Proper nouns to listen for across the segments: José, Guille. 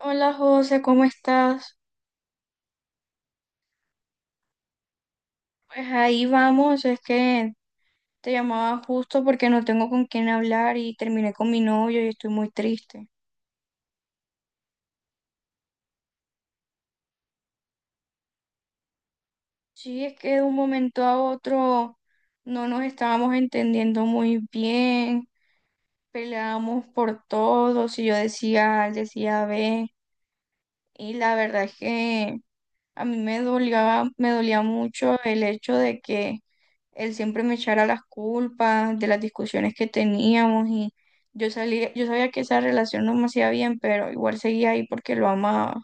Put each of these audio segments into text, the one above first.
Hola José, ¿cómo estás? Pues ahí vamos, es que te llamaba justo porque no tengo con quién hablar y terminé con mi novio y estoy muy triste. Sí, es que de un momento a otro no nos estábamos entendiendo muy bien, peleábamos por todo, si yo decía A, él decía B, y la verdad es que a mí me dolía mucho el hecho de que él siempre me echara las culpas de las discusiones que teníamos y yo salía, yo sabía que esa relación no me hacía bien, pero igual seguía ahí porque lo amaba.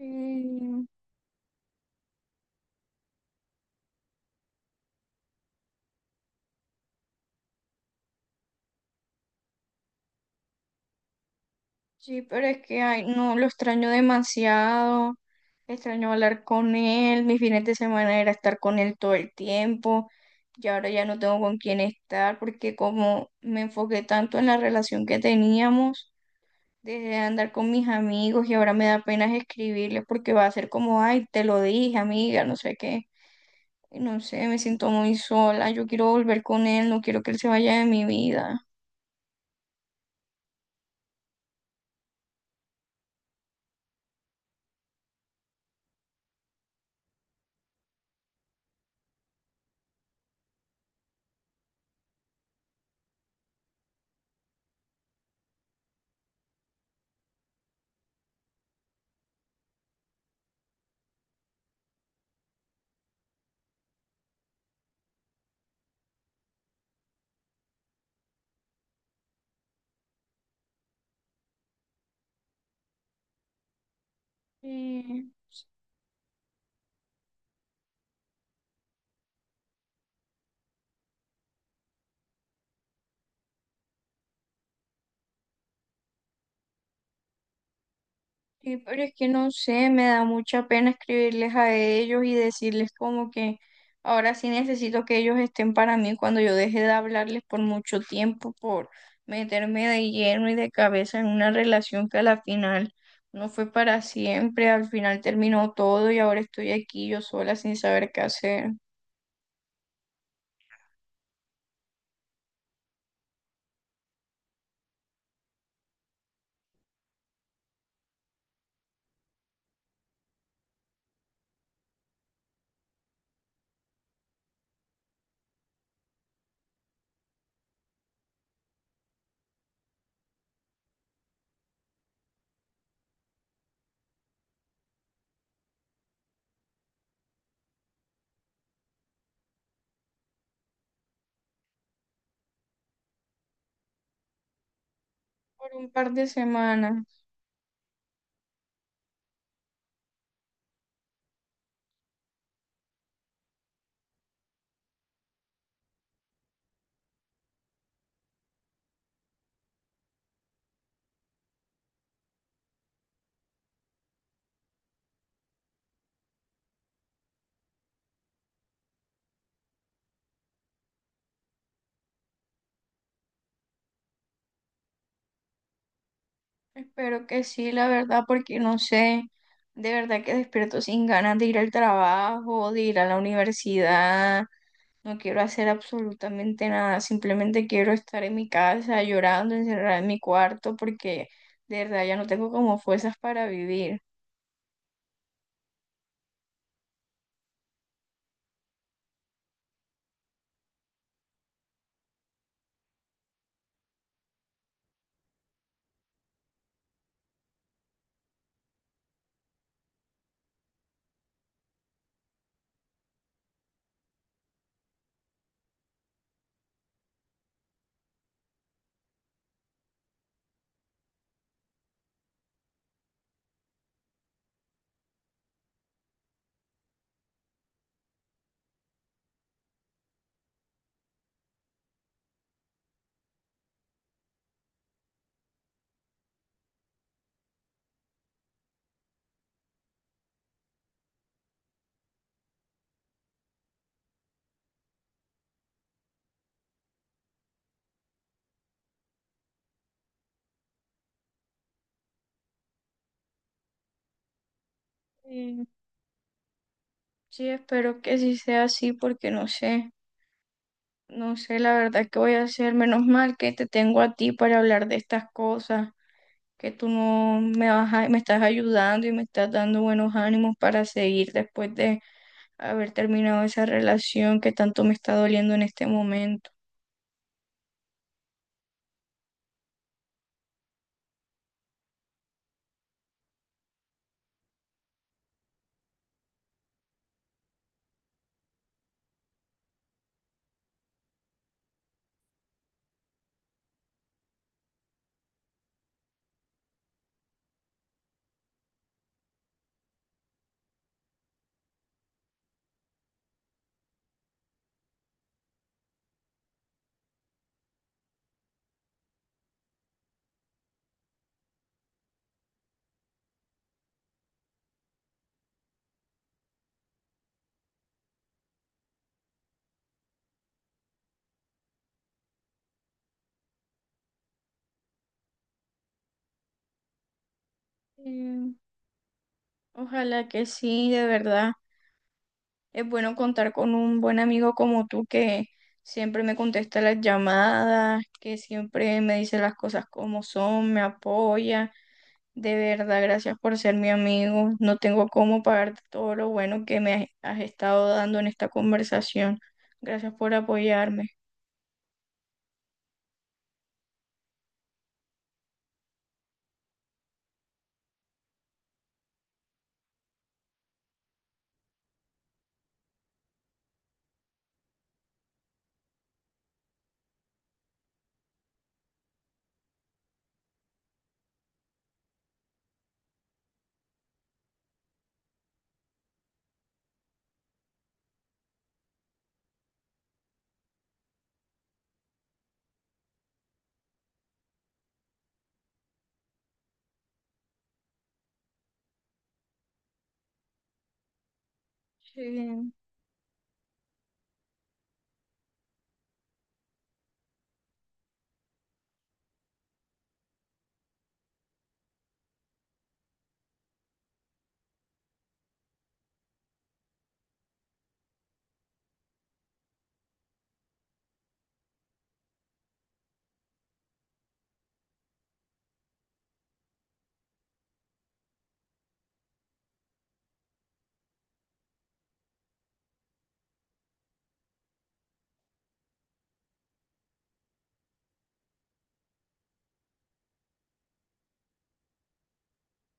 Mm, Sí, pero es que ay, no, lo extraño demasiado. Extraño hablar con él. Mis fines de semana era estar con él todo el tiempo. Y ahora ya no tengo con quién estar porque como me enfoqué tanto en la relación que teníamos dejé de andar con mis amigos y ahora me da pena escribirles porque va a ser como, ay, te lo dije, amiga, no sé qué. Y no sé, me siento muy sola, yo quiero volver con él, no quiero que él se vaya de mi vida. Sí. Sí, pero es que no sé, me da mucha pena escribirles a ellos y decirles como que ahora sí necesito que ellos estén para mí cuando yo deje de hablarles por mucho tiempo, por meterme de lleno y de cabeza en una relación que a la final no fue para siempre, al final terminó todo y ahora estoy aquí yo sola sin saber qué hacer por un par de semanas. Espero que sí, la verdad, porque no sé. De verdad que despierto sin ganas de ir al trabajo, de ir a la universidad, no quiero hacer absolutamente nada, simplemente quiero estar en mi casa llorando, encerrada en mi cuarto, porque de verdad ya no tengo como fuerzas para vivir. Y sí, espero que sí sea así, porque no sé, no sé la verdad qué voy a hacer. Menos mal que te tengo a ti para hablar de estas cosas, que tú no me vas a- me estás ayudando y me estás dando buenos ánimos para seguir después de haber terminado esa relación que tanto me está doliendo en este momento. Sí. Ojalá que sí, de verdad. Es bueno contar con un buen amigo como tú que siempre me contesta las llamadas, que siempre me dice las cosas como son, me apoya. De verdad, gracias por ser mi amigo. No tengo cómo pagarte todo lo bueno que me has estado dando en esta conversación. Gracias por apoyarme. Sí,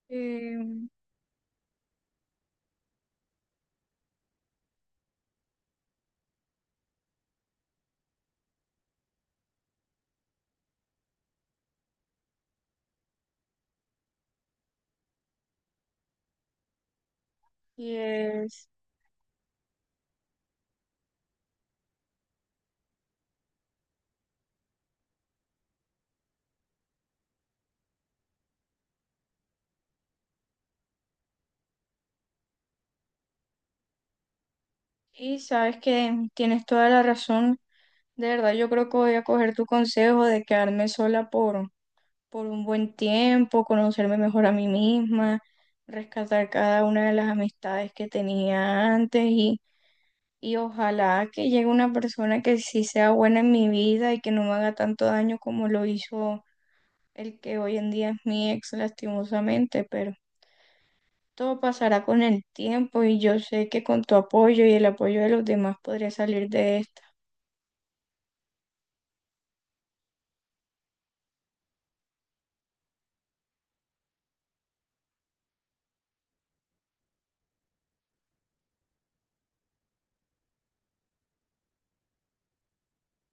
em, y es- y sabes que tienes toda la razón. De verdad, yo creo que voy a coger tu consejo de quedarme sola por un buen tiempo, conocerme mejor a mí misma, rescatar cada una de las amistades que tenía antes y ojalá que llegue una persona que sí sea buena en mi vida y que no me haga tanto daño como lo hizo el que hoy en día es mi ex, lastimosamente, pero todo pasará con el tiempo y yo sé que con tu apoyo y el apoyo de los demás podré salir de.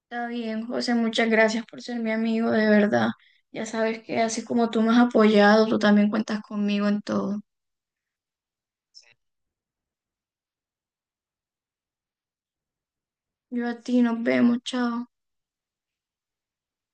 Está bien, José, muchas gracias por ser mi amigo, de verdad. Ya sabes que así como tú me has apoyado, tú también cuentas conmigo en todo. Yo a ti, nos vemos, chao.